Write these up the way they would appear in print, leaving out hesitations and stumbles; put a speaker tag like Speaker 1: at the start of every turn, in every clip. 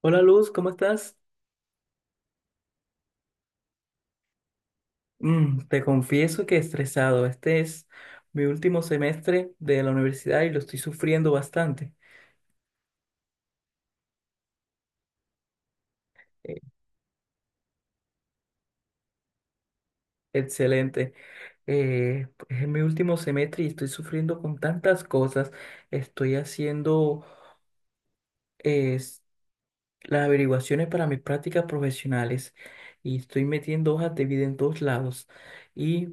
Speaker 1: Hola Luz, ¿cómo estás? Te confieso que estresado. Este es mi último semestre de la universidad y lo estoy sufriendo bastante. Eh, Excelente. Pues, es mi último semestre y estoy sufriendo con tantas cosas. Estoy haciendo eh, s- las averiguaciones para mis prácticas profesionales y estoy metiendo hojas de vida en todos lados y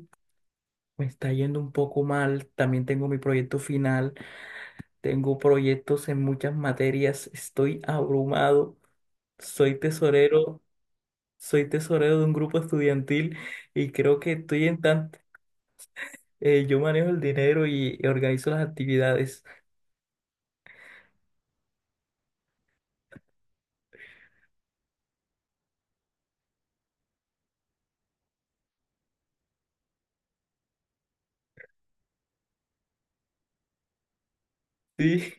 Speaker 1: me está yendo un poco mal. También tengo mi proyecto final. Tengo proyectos en muchas materias, estoy abrumado, soy tesorero, soy tesorero de un grupo estudiantil y creo que estoy en yo manejo el dinero y organizo las actividades. Sí,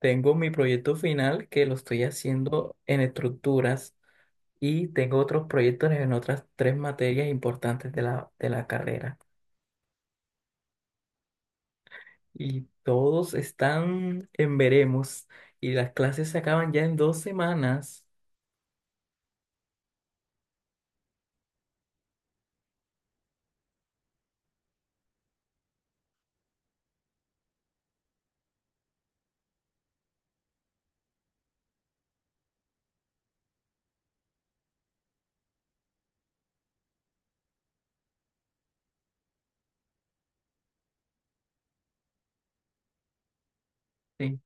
Speaker 1: tengo mi proyecto final que lo estoy haciendo en estructuras y tengo otros proyectos en otras tres materias importantes de la carrera. Y todos están en veremos y las clases se acaban ya en 2 semanas. Sí.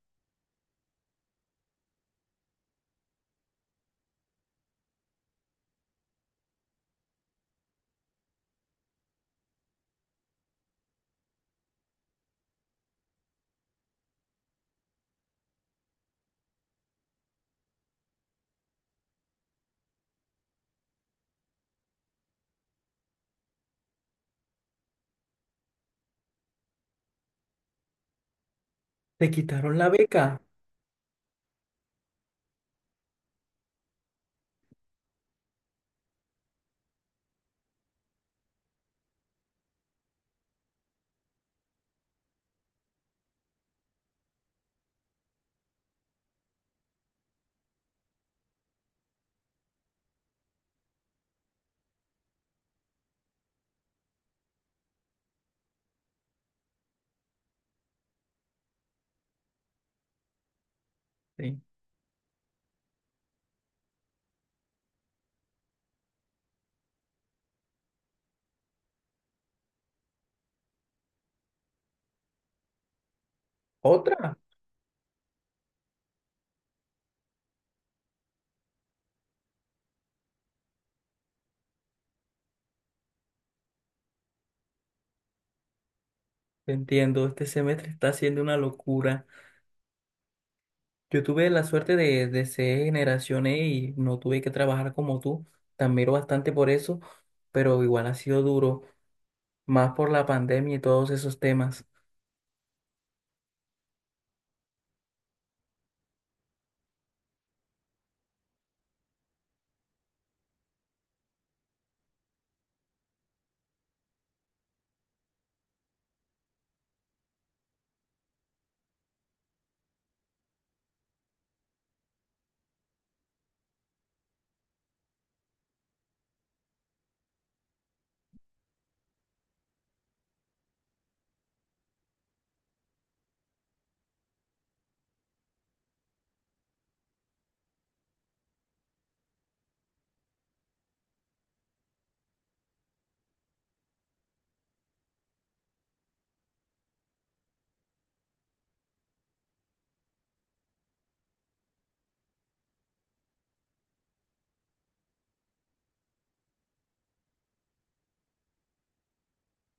Speaker 1: Te quitaron la beca. Sí. Otra. Te entiendo, este semestre está siendo una locura. Yo tuve la suerte de ser generación E y no tuve que trabajar como tú. Te admiro bastante por eso, pero igual ha sido duro, más por la pandemia y todos esos temas.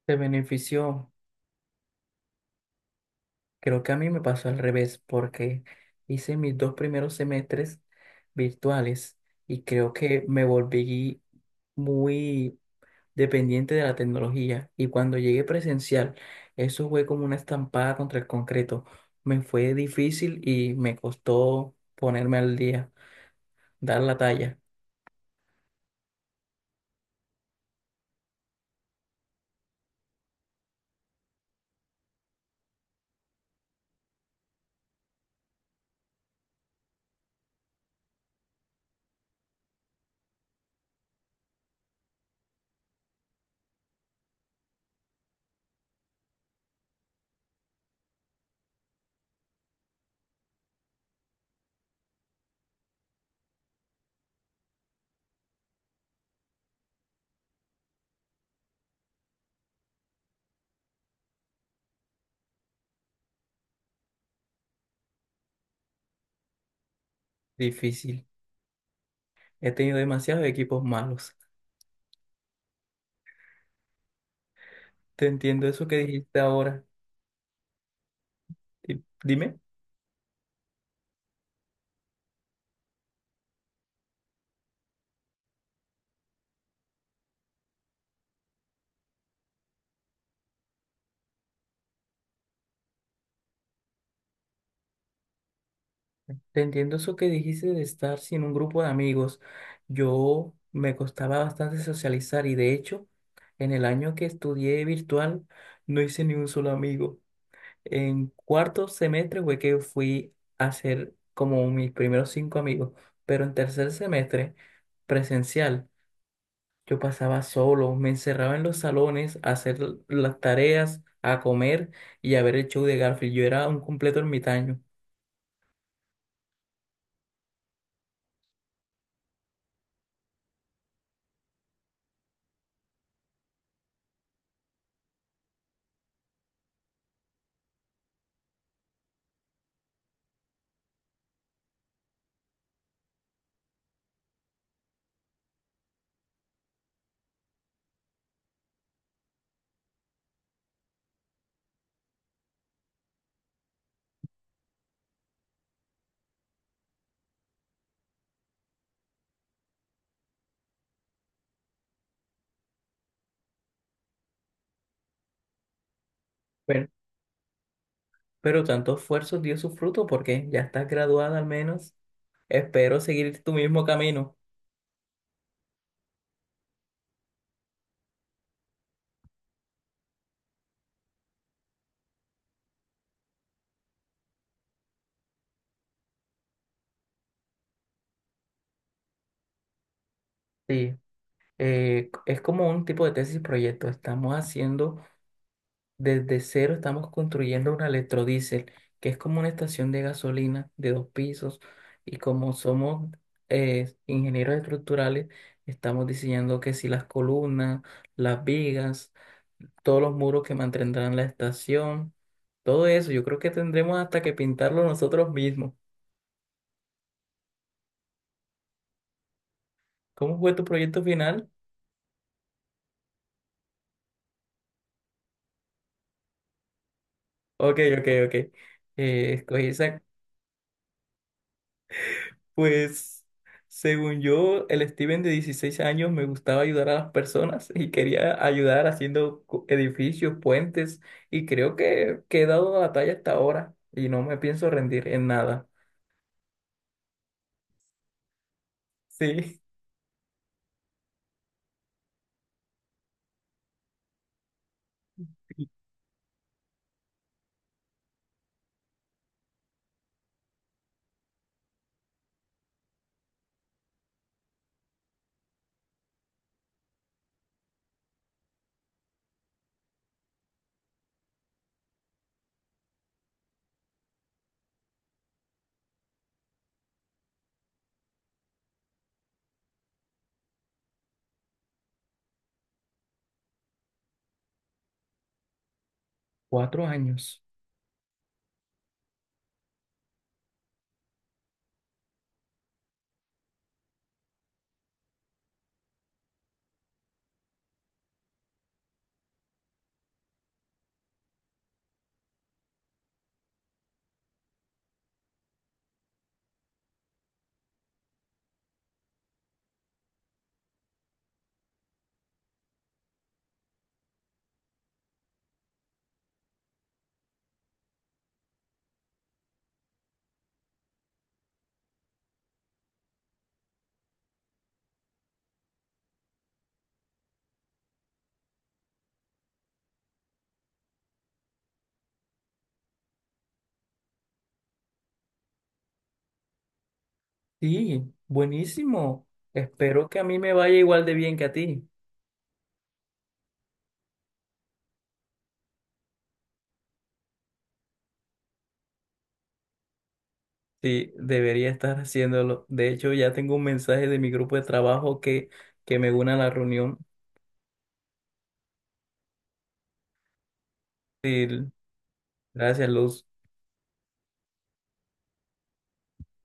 Speaker 1: Te benefició. Creo que a mí me pasó al revés, porque hice mis dos primeros semestres virtuales y creo que me volví muy dependiente de la tecnología. Y cuando llegué presencial, eso fue como una estampada contra el concreto. Me fue difícil y me costó ponerme al día, dar la talla. Difícil. He tenido demasiados equipos malos. Te entiendo eso que dijiste ahora. Dime. Te entiendo eso que dijiste de estar sin un grupo de amigos. Yo me costaba bastante socializar y de hecho, en el año que estudié virtual, no hice ni un solo amigo. En cuarto semestre fue que fui a hacer como mis primeros cinco amigos, pero en tercer semestre presencial yo pasaba solo, me encerraba en los salones a hacer las tareas, a comer y a ver el show de Garfield. Yo era un completo ermitaño, pero, pero tanto esfuerzo dio su fruto porque ya estás graduada al menos. Espero seguir tu mismo camino. Sí, es como un tipo de tesis proyecto. Estamos haciendo Desde cero estamos construyendo una electrodiesel, que es como una estación de gasolina de dos pisos. Y como somos ingenieros estructurales, estamos diseñando que si las columnas, las vigas, todos los muros que mantendrán la estación, todo eso, yo creo que tendremos hasta que pintarlo nosotros mismos. ¿Cómo fue tu proyecto final? Ok, ok, ok. Escogí esa Pues, según yo, el Steven de 16 años me gustaba ayudar a las personas y quería ayudar haciendo edificios, puentes, y creo que he dado la talla hasta ahora y no me pienso rendir en nada. Sí. 4 años. Sí, buenísimo. Espero que a mí me vaya igual de bien que a ti. Sí, debería estar haciéndolo. De hecho, ya tengo un mensaje de mi grupo de trabajo que me une a la reunión. Sí, gracias, Luz.